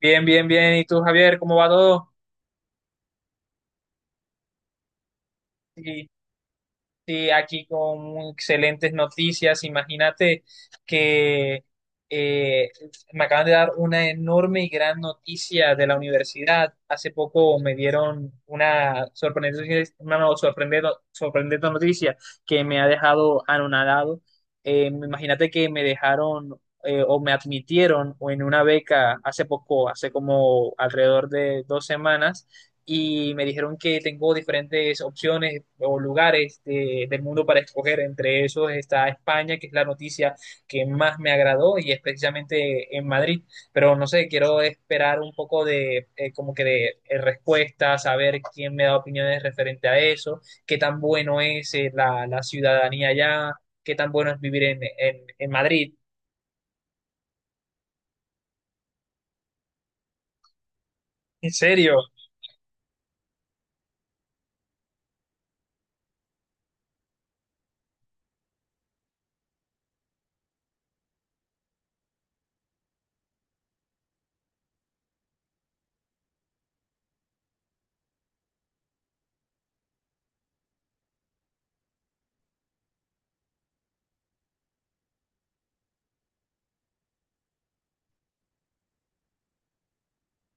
Bien, bien, bien. ¿Y tú, Javier, cómo va todo? Sí, sí, aquí con excelentes noticias. Imagínate que eh, me acaban de dar una enorme y gran noticia de la universidad. Hace poco me dieron una sorprendente, una no- sorprendente, sorprendente noticia que me ha dejado anonadado. Imagínate que me dejaron o me admitieron en una beca hace poco, hace como alrededor de 2 semanas y me dijeron que tengo diferentes opciones o lugares del mundo para escoger. Entre esos está España, que es la noticia que más me agradó y es precisamente en Madrid. Pero no sé, quiero esperar un poco de como que de respuesta, saber quién me da opiniones referente a eso, qué tan bueno es la ciudadanía allá, qué tan bueno es vivir en Madrid. ¿En serio?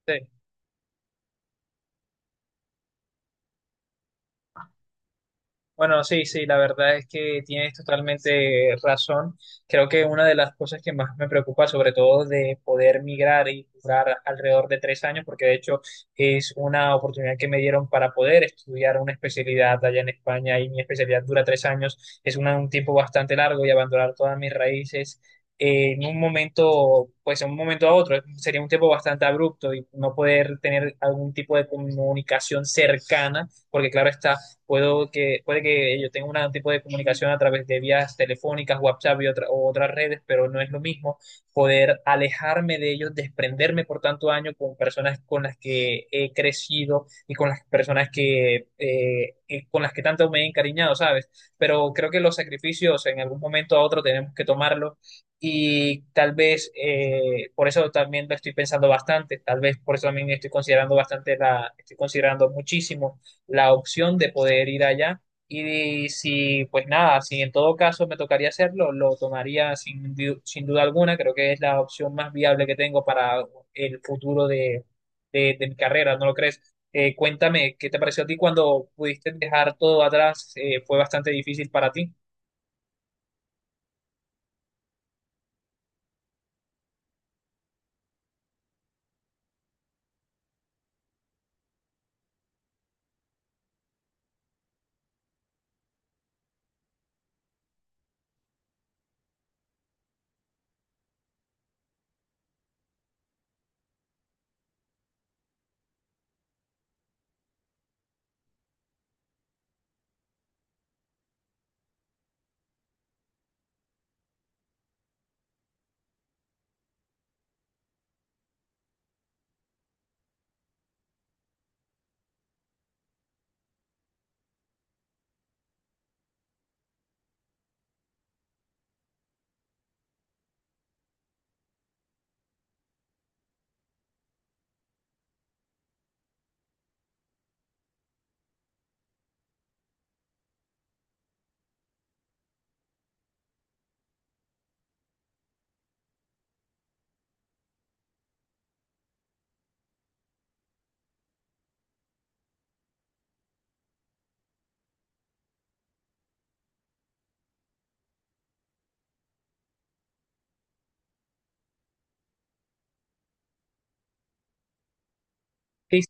Sí. Bueno, sí, sí, la verdad es que tienes totalmente razón. Creo que una de las cosas que más me preocupa, sobre todo de poder migrar y durar alrededor de 3 años, porque de hecho es una oportunidad que me dieron para poder estudiar una especialidad allá en España y mi especialidad dura 3 años, es un tiempo bastante largo y abandonar todas mis raíces. En un momento, pues en un momento a otro, sería un tiempo bastante abrupto y no poder tener algún tipo de comunicación cercana, porque claro está, puede que yo tenga un tipo de comunicación a través de vías telefónicas, WhatsApp y otra- o otras redes, pero no es lo mismo poder alejarme de ellos, desprenderme por tanto año con personas con las que he crecido y con las personas que, con las que tanto me he encariñado, ¿sabes? Pero creo que los sacrificios en algún momento a otro tenemos que tomarlos y tal vez por eso también lo estoy pensando bastante, tal vez por eso también estoy considerando bastante estoy considerando muchísimo la opción de poder ir allá. Y si, pues nada, si en todo caso me tocaría hacerlo, lo tomaría sin duda alguna. Creo que es la opción más viable que tengo para el futuro de mi carrera, ¿no lo crees? Cuéntame, ¿qué te pareció a ti cuando pudiste dejar todo atrás? ¿Fue bastante difícil para ti? Sí,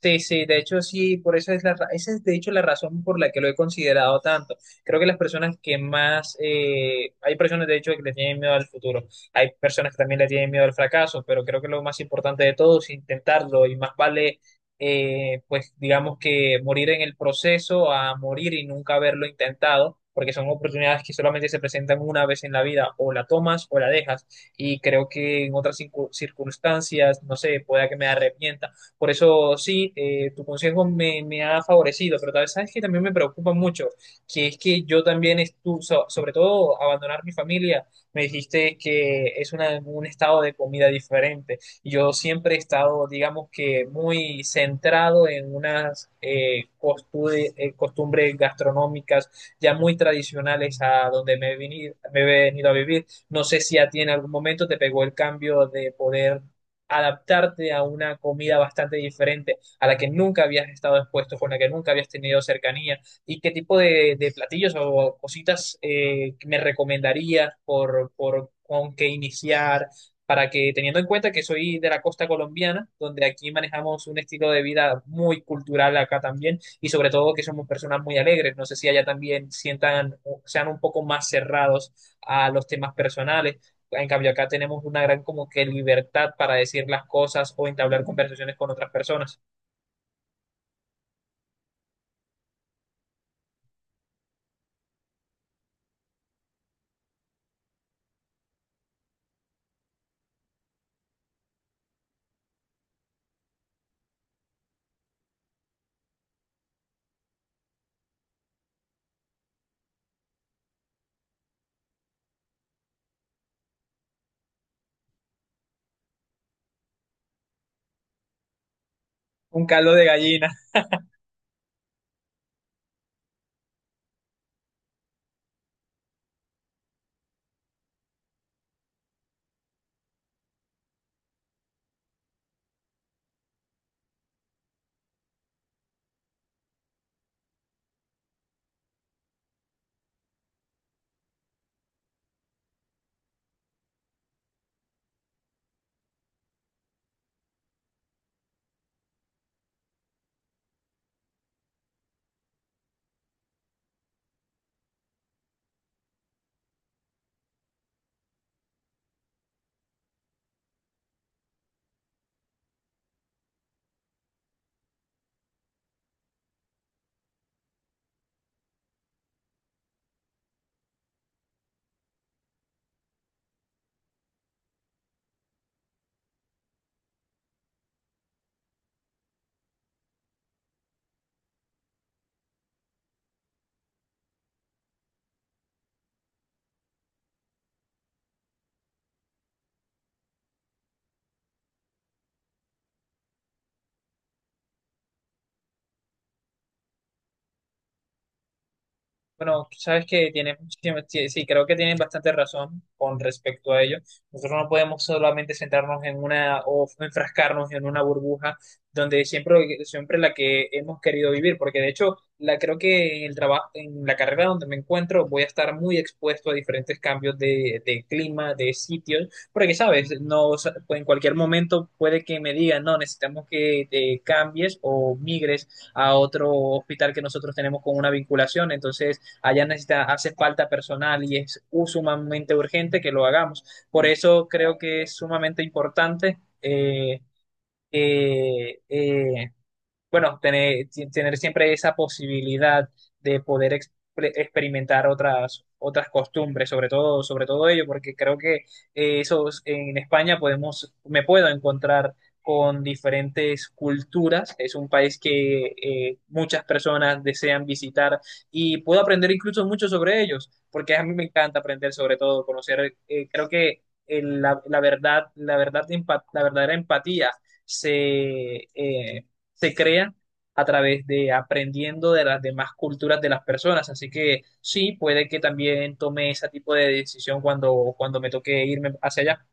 sí, sí, de hecho sí, por eso es esa es de hecho la razón por la que lo he considerado tanto. Creo que las personas que más, hay personas de hecho que le tienen miedo al futuro, hay personas que también le tienen miedo al fracaso, pero creo que lo más importante de todo es intentarlo y más vale, pues digamos que morir en el proceso a morir y nunca haberlo intentado, porque son oportunidades que solamente se presentan una vez en la vida, o la tomas o la dejas, y creo que en otras circunstancias, no sé, pueda que me arrepienta, por eso sí, tu consejo me ha favorecido, pero tal vez sabes que también me preocupa mucho, que es que yo también estuve, sobre todo abandonar mi familia, me dijiste que es un estado de comida diferente. Y yo siempre he estado, digamos que, muy centrado en unas costumbres gastronómicas ya muy tradicionales a donde me he venido a vivir. No sé si a ti en algún momento te pegó el cambio de poder adaptarte a una comida bastante diferente, a la que nunca habías estado expuesto, con la que nunca habías tenido cercanía, y qué tipo de platillos o cositas me recomendarías por con qué iniciar, para que teniendo en cuenta que soy de la costa colombiana, donde aquí manejamos un estilo de vida muy cultural acá también, y sobre todo que somos personas muy alegres, no sé si allá también sientan, sean un poco más cerrados a los temas personales, en cambio, acá tenemos una gran como que libertad para decir las cosas o entablar conversaciones con otras personas. Un caldo de gallina. Bueno, sabes que tiene, sí, sí, creo que tienen bastante razón con respecto a ello. Nosotros no podemos solamente centrarnos en una o enfrascarnos en una burbuja donde siempre, siempre la que hemos querido vivir, porque de hecho, creo que en el trabajo, en la carrera donde me encuentro, voy a estar muy expuesto a diferentes cambios de clima, de sitios, porque sabes, no, o sea, pues, en cualquier momento puede que me digan, no, necesitamos que te cambies o migres a otro hospital que nosotros tenemos con una vinculación, entonces allá necesita, hace falta personal y es sumamente urgente que lo hagamos. Por eso creo que es sumamente importante eh, eh, bueno, tener siempre esa posibilidad de poder experimentar otras, otras costumbres, sobre todo ello, porque creo que en España podemos, me puedo encontrar con diferentes culturas. Es un país que muchas personas desean visitar y puedo aprender incluso mucho sobre ellos, porque a mí me encanta aprender sobre todo, conocer, creo que la verdad, la verdadera empatía se, eh, se crea a través de aprendiendo de las demás culturas de las personas. Así que sí, puede que también tome ese tipo de decisión cuando, cuando me toque irme hacia allá.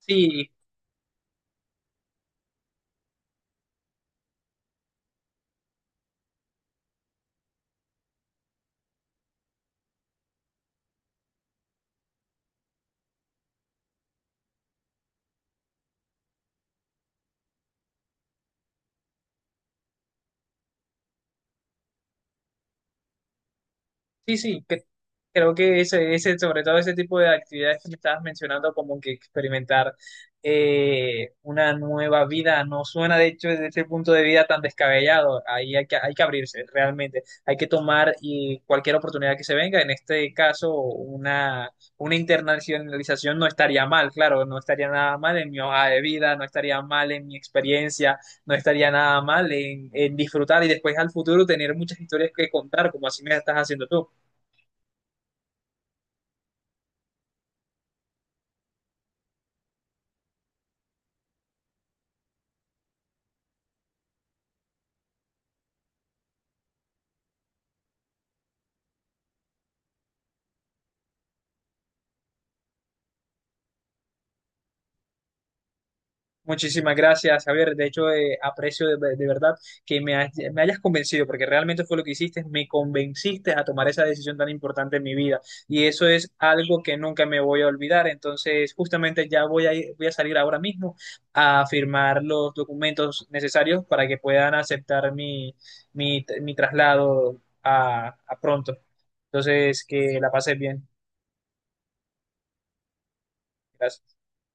Sí, sí, sí, creo que ese, sobre todo ese tipo de actividades que me estabas mencionando, como que experimentar una nueva vida, no suena de hecho desde ese punto de vida tan descabellado. Ahí hay que abrirse, realmente. Hay que tomar y cualquier oportunidad que se venga. En este caso, una internacionalización no estaría mal, claro, no estaría nada mal en mi hoja de vida, no estaría mal en mi experiencia, no estaría nada mal en disfrutar y después al futuro tener muchas historias que contar, como así me estás haciendo tú. Muchísimas gracias, Javier. De hecho, aprecio de verdad que me hayas convencido, porque realmente fue lo que hiciste, me convenciste a tomar esa decisión tan importante en mi vida. Y eso es algo que nunca me voy a olvidar. Entonces, justamente ya voy a salir ahora mismo a firmar los documentos necesarios para que puedan aceptar mi traslado a pronto. Entonces, que la pases bien. Gracias.